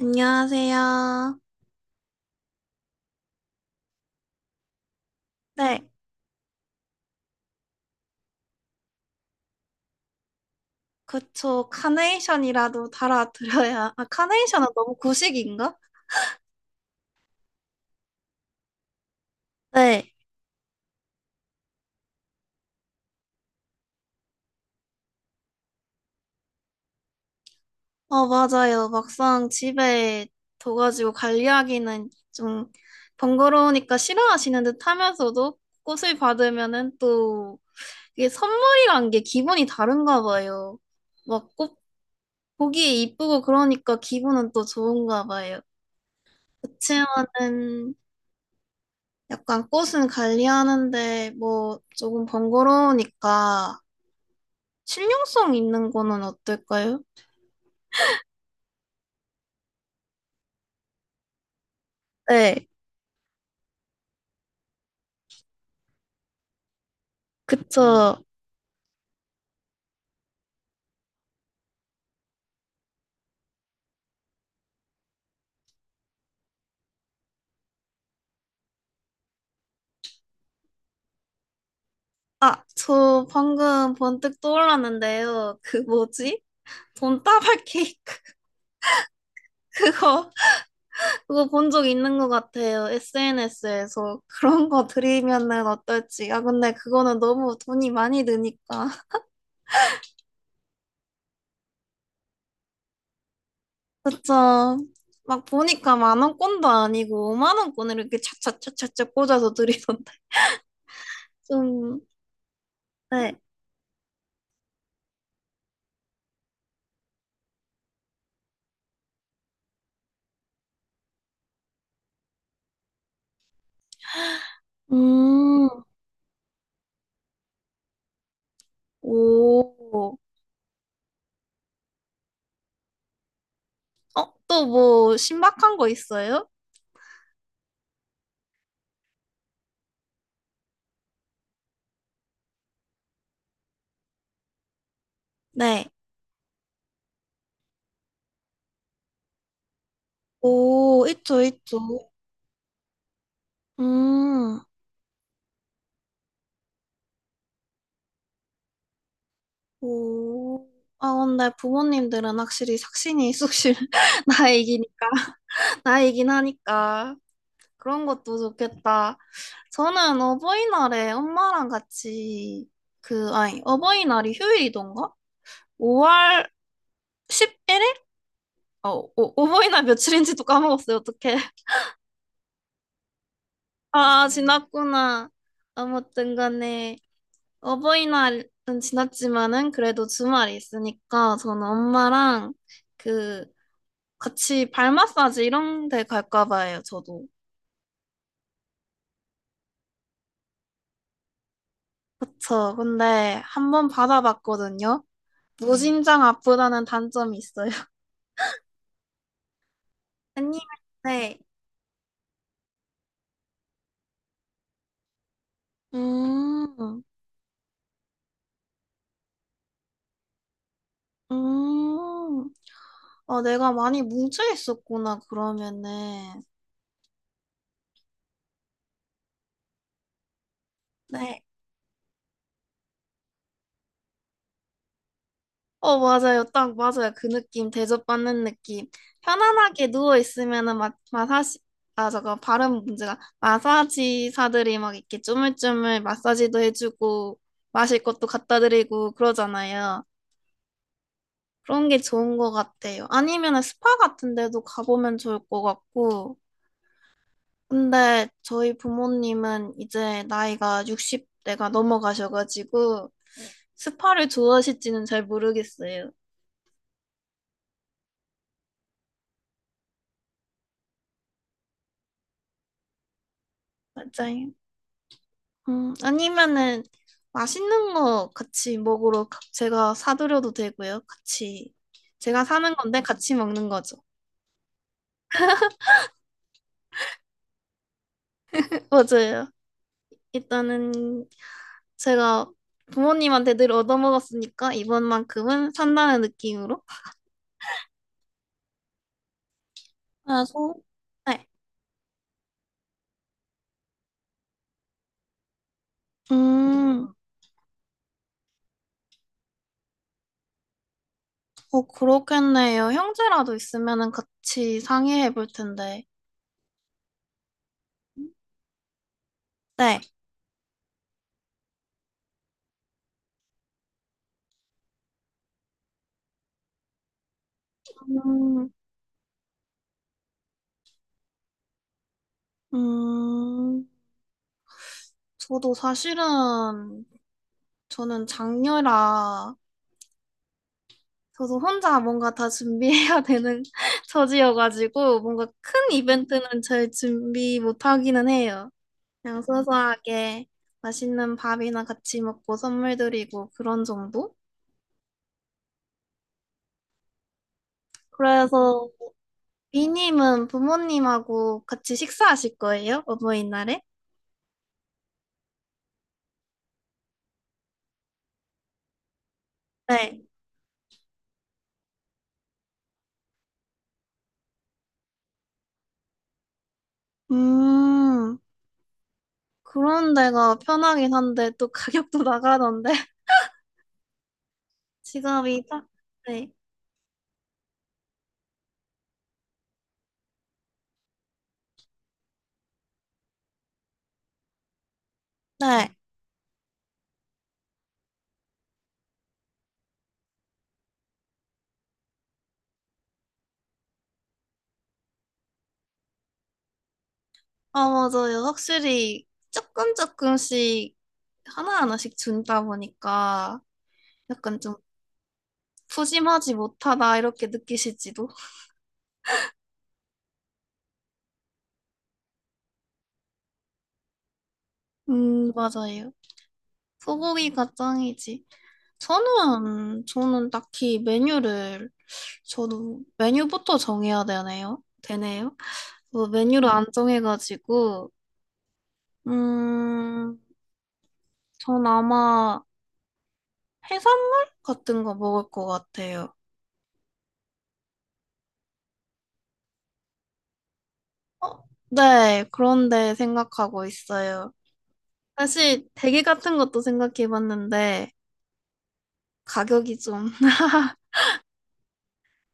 안녕하세요. 네, 그쵸. 카네이션이라도 달아드려야. 아, 카네이션은 너무 구식인가? 네. 어, 맞아요. 막상 집에 둬가지고 관리하기는 좀 번거로우니까 싫어하시는 듯 하면서도 꽃을 받으면은 또 이게 선물이란 게 기분이 다른가 봐요. 막 꽃 보기에 이쁘고 그러니까 기분은 또 좋은가 봐요. 그치만은 약간 꽃은 관리하는데 뭐 조금 번거로우니까 실용성 있는 거는 어떨까요? 네, 그쵸. 아, 저 방금 번뜩 떠올랐는데요. 그 뭐지? 돈다발 케이크 그거 그거 본 적 있는 것 같아요. SNS에서 그런 거 드리면은 어떨지. 아 근데 그거는 너무 돈이 많이 드니까. 그쵸. 막 보니까 만 원권도 아니고 오만 원권을 이렇게 차차차차차 꽂아서 드리던데. 좀, 네. 음, 오. 어, 또 뭐 신박한 거 있어요? 네. 오, 있죠, 있죠. 음, 오. 아, 근데 부모님들은 확실히 삭신이 쑥실 나이기니까, 나이긴 하니까. 그런 것도 좋겠다. 저는 어버이날에 엄마랑 같이, 그, 아니, 어버이날이 휴일이던가? 5월 11일? 어, 오, 오버이날 며칠인지도 까먹었어요. 어떡해. 아, 지났구나. 아무튼 간에 어버이날은 지났지만은 그래도 주말이 있으니까 저는 엄마랑 그 같이 발 마사지 이런 데 갈까 봐요. 저도. 그쵸. 근데 한번 받아봤거든요. 무진장 아프다는 단점이 있어요. 아니, 네. 음, 음. 아, 내가 많이 뭉쳐 있었구나, 그러면은. 네. 어, 맞아요. 딱 맞아요. 그 느낌, 대접받는 느낌. 편안하게 누워있으면은 막, 마사지, 아, 저거, 발음 문제가. 마사지사들이 막 이렇게 쪼물쪼물 마사지도 해주고, 마실 것도 갖다 드리고 그러잖아요. 그런 게 좋은 것 같아요. 아니면은 스파 같은 데도 가보면 좋을 것 같고. 근데 저희 부모님은 이제 나이가 60대가 넘어가셔가지고, 스파를 좋아하실지는 잘 모르겠어요. 맞아요. 아니면은 맛있는 거 같이 먹으러 가- 제가 사드려도 되고요. 같이 제가 사는 건데 같이 먹는 거죠. 맞아요. 일단은 제가 부모님한테 늘 얻어먹었으니까 이번만큼은 산다는 느낌으로 그래서 네. 음, 어, 그렇겠네요. 형제라도 있으면은 같이 상의해 볼 텐데. 네. 음, 음, 저도 사실은 저는 장녀라 저도 혼자 뭔가 다 준비해야 되는 처지여가지고 뭔가 큰 이벤트는 잘 준비 못하기는 해요. 그냥 소소하게 맛있는 밥이나 같이 먹고 선물 드리고 그런 정도? 그래서 비님은 부모님하고 같이 식사하실 거예요? 어버이날에? 네. 음, 그런 데가 편하긴 한데 또 가격도 나가던데 지금 이 딱, 네. 네. 아, 맞아요. 확실히 조금 조금씩 하나하나씩 준다 보니까 약간 좀 푸짐하지 못하다 이렇게 느끼실지도. 맞아요. 소고기가 짱이지. 저는 딱히 메뉴를, 저도 메뉴부터 정해야 되네요. 뭐 메뉴를 안 정해가지고, 음, 전 아마 해산물 같은 거 먹을 것 같아요. 어, 네, 그런데 생각하고 있어요. 사실 대게 같은 것도 생각해봤는데 가격이 좀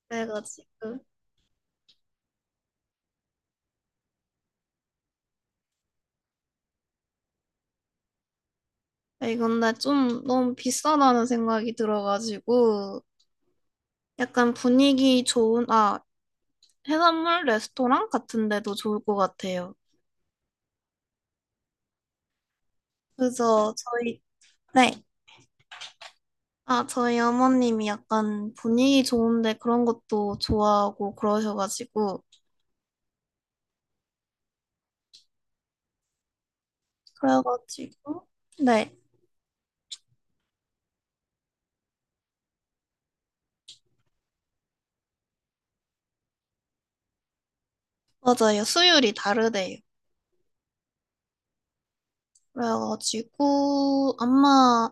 그래가지고 아, 이건데 좀 너무 비싸다는 생각이 들어가지고 약간 분위기 좋은 아 해산물 레스토랑 같은 데도 좋을 것 같아요. 그래서 저희 네. 아, 저희 어머님이 약간 분위기 좋은데 그런 것도 좋아하고 그러셔가지고 그래가지고 네, 맞아요. 수율이 다르대요. 그래가지고 아마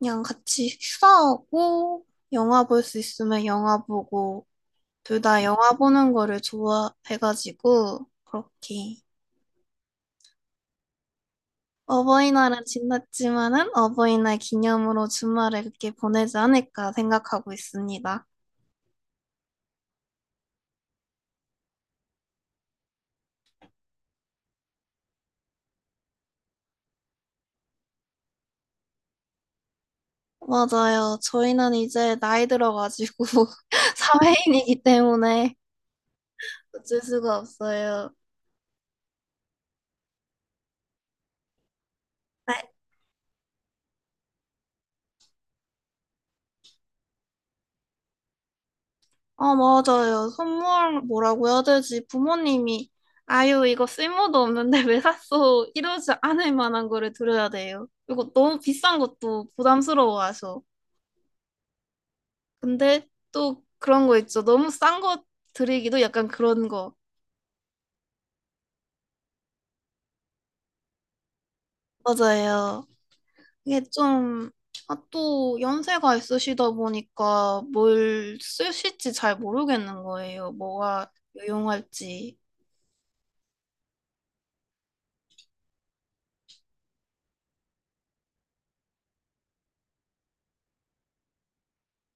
그냥 같이 휴가하고 영화 볼 수 있으면 영화 보고 둘 다 영화 보는 거를 좋아해가지고 그렇게 어버이날은 지났지만은 어버이날 기념으로 주말을 이렇게 보내지 않을까 생각하고 있습니다. 맞아요. 저희는 이제 나이 들어가지고 사회인이기 때문에 어쩔 수가 없어요. 네. 아, 맞아요. 선물 뭐라고 해야 되지? 부모님이, 아유, 이거 쓸모도 없는데 왜 샀어? 이러지 않을 만한 거를 드려야 돼요. 그리고 너무 비싼 것도 부담스러워하셔. 근데 또 그런 거 있죠. 너무 싼 거 드리기도 약간 그런 거. 맞아요. 이게 좀, 아, 또 연세가 있으시다 보니까 뭘 쓰실지 잘 모르겠는 거예요. 뭐가 유용할지.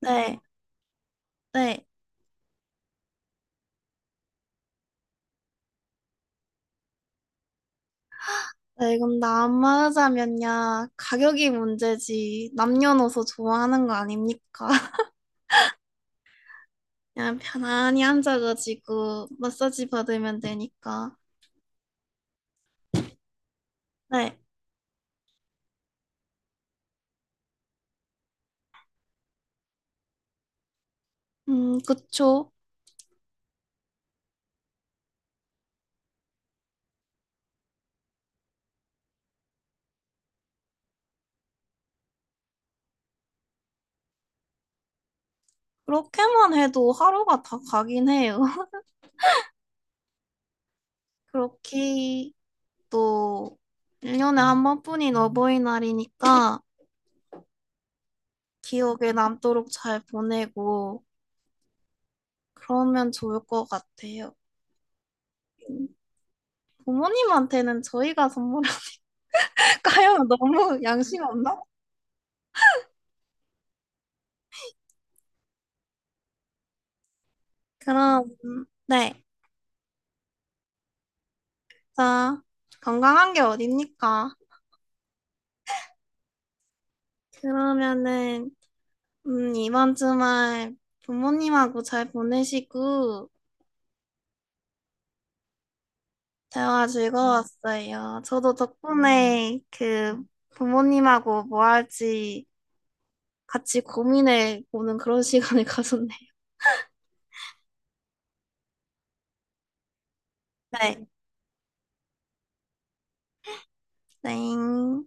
네, 네. 네, 이건 나만 하자면야 가격이 문제지 남녀노소 좋아하는 거 아닙니까? 그냥 편안히 앉아가지고 마사지 받으면 되니까. 네, 그쵸. 그렇게만 해도 하루가 다 가긴 해요. 그렇게 또 1년에 한 번뿐인 어버이날이니까 기억에 남도록 잘 보내고 그러면 좋을 것 같아요. 부모님한테는 저희가 선물할까요? 너무 양심 없나? 그럼, 네. 자, 건강한 게 어딥니까? 그러면은, 이번 주말 부모님하고 잘 보내시고, 대화 즐거웠어요. 저도 덕분에 그 부모님하고 뭐 할지 같이 고민해 보는 그런 시간을 가졌네요. 네. 땡.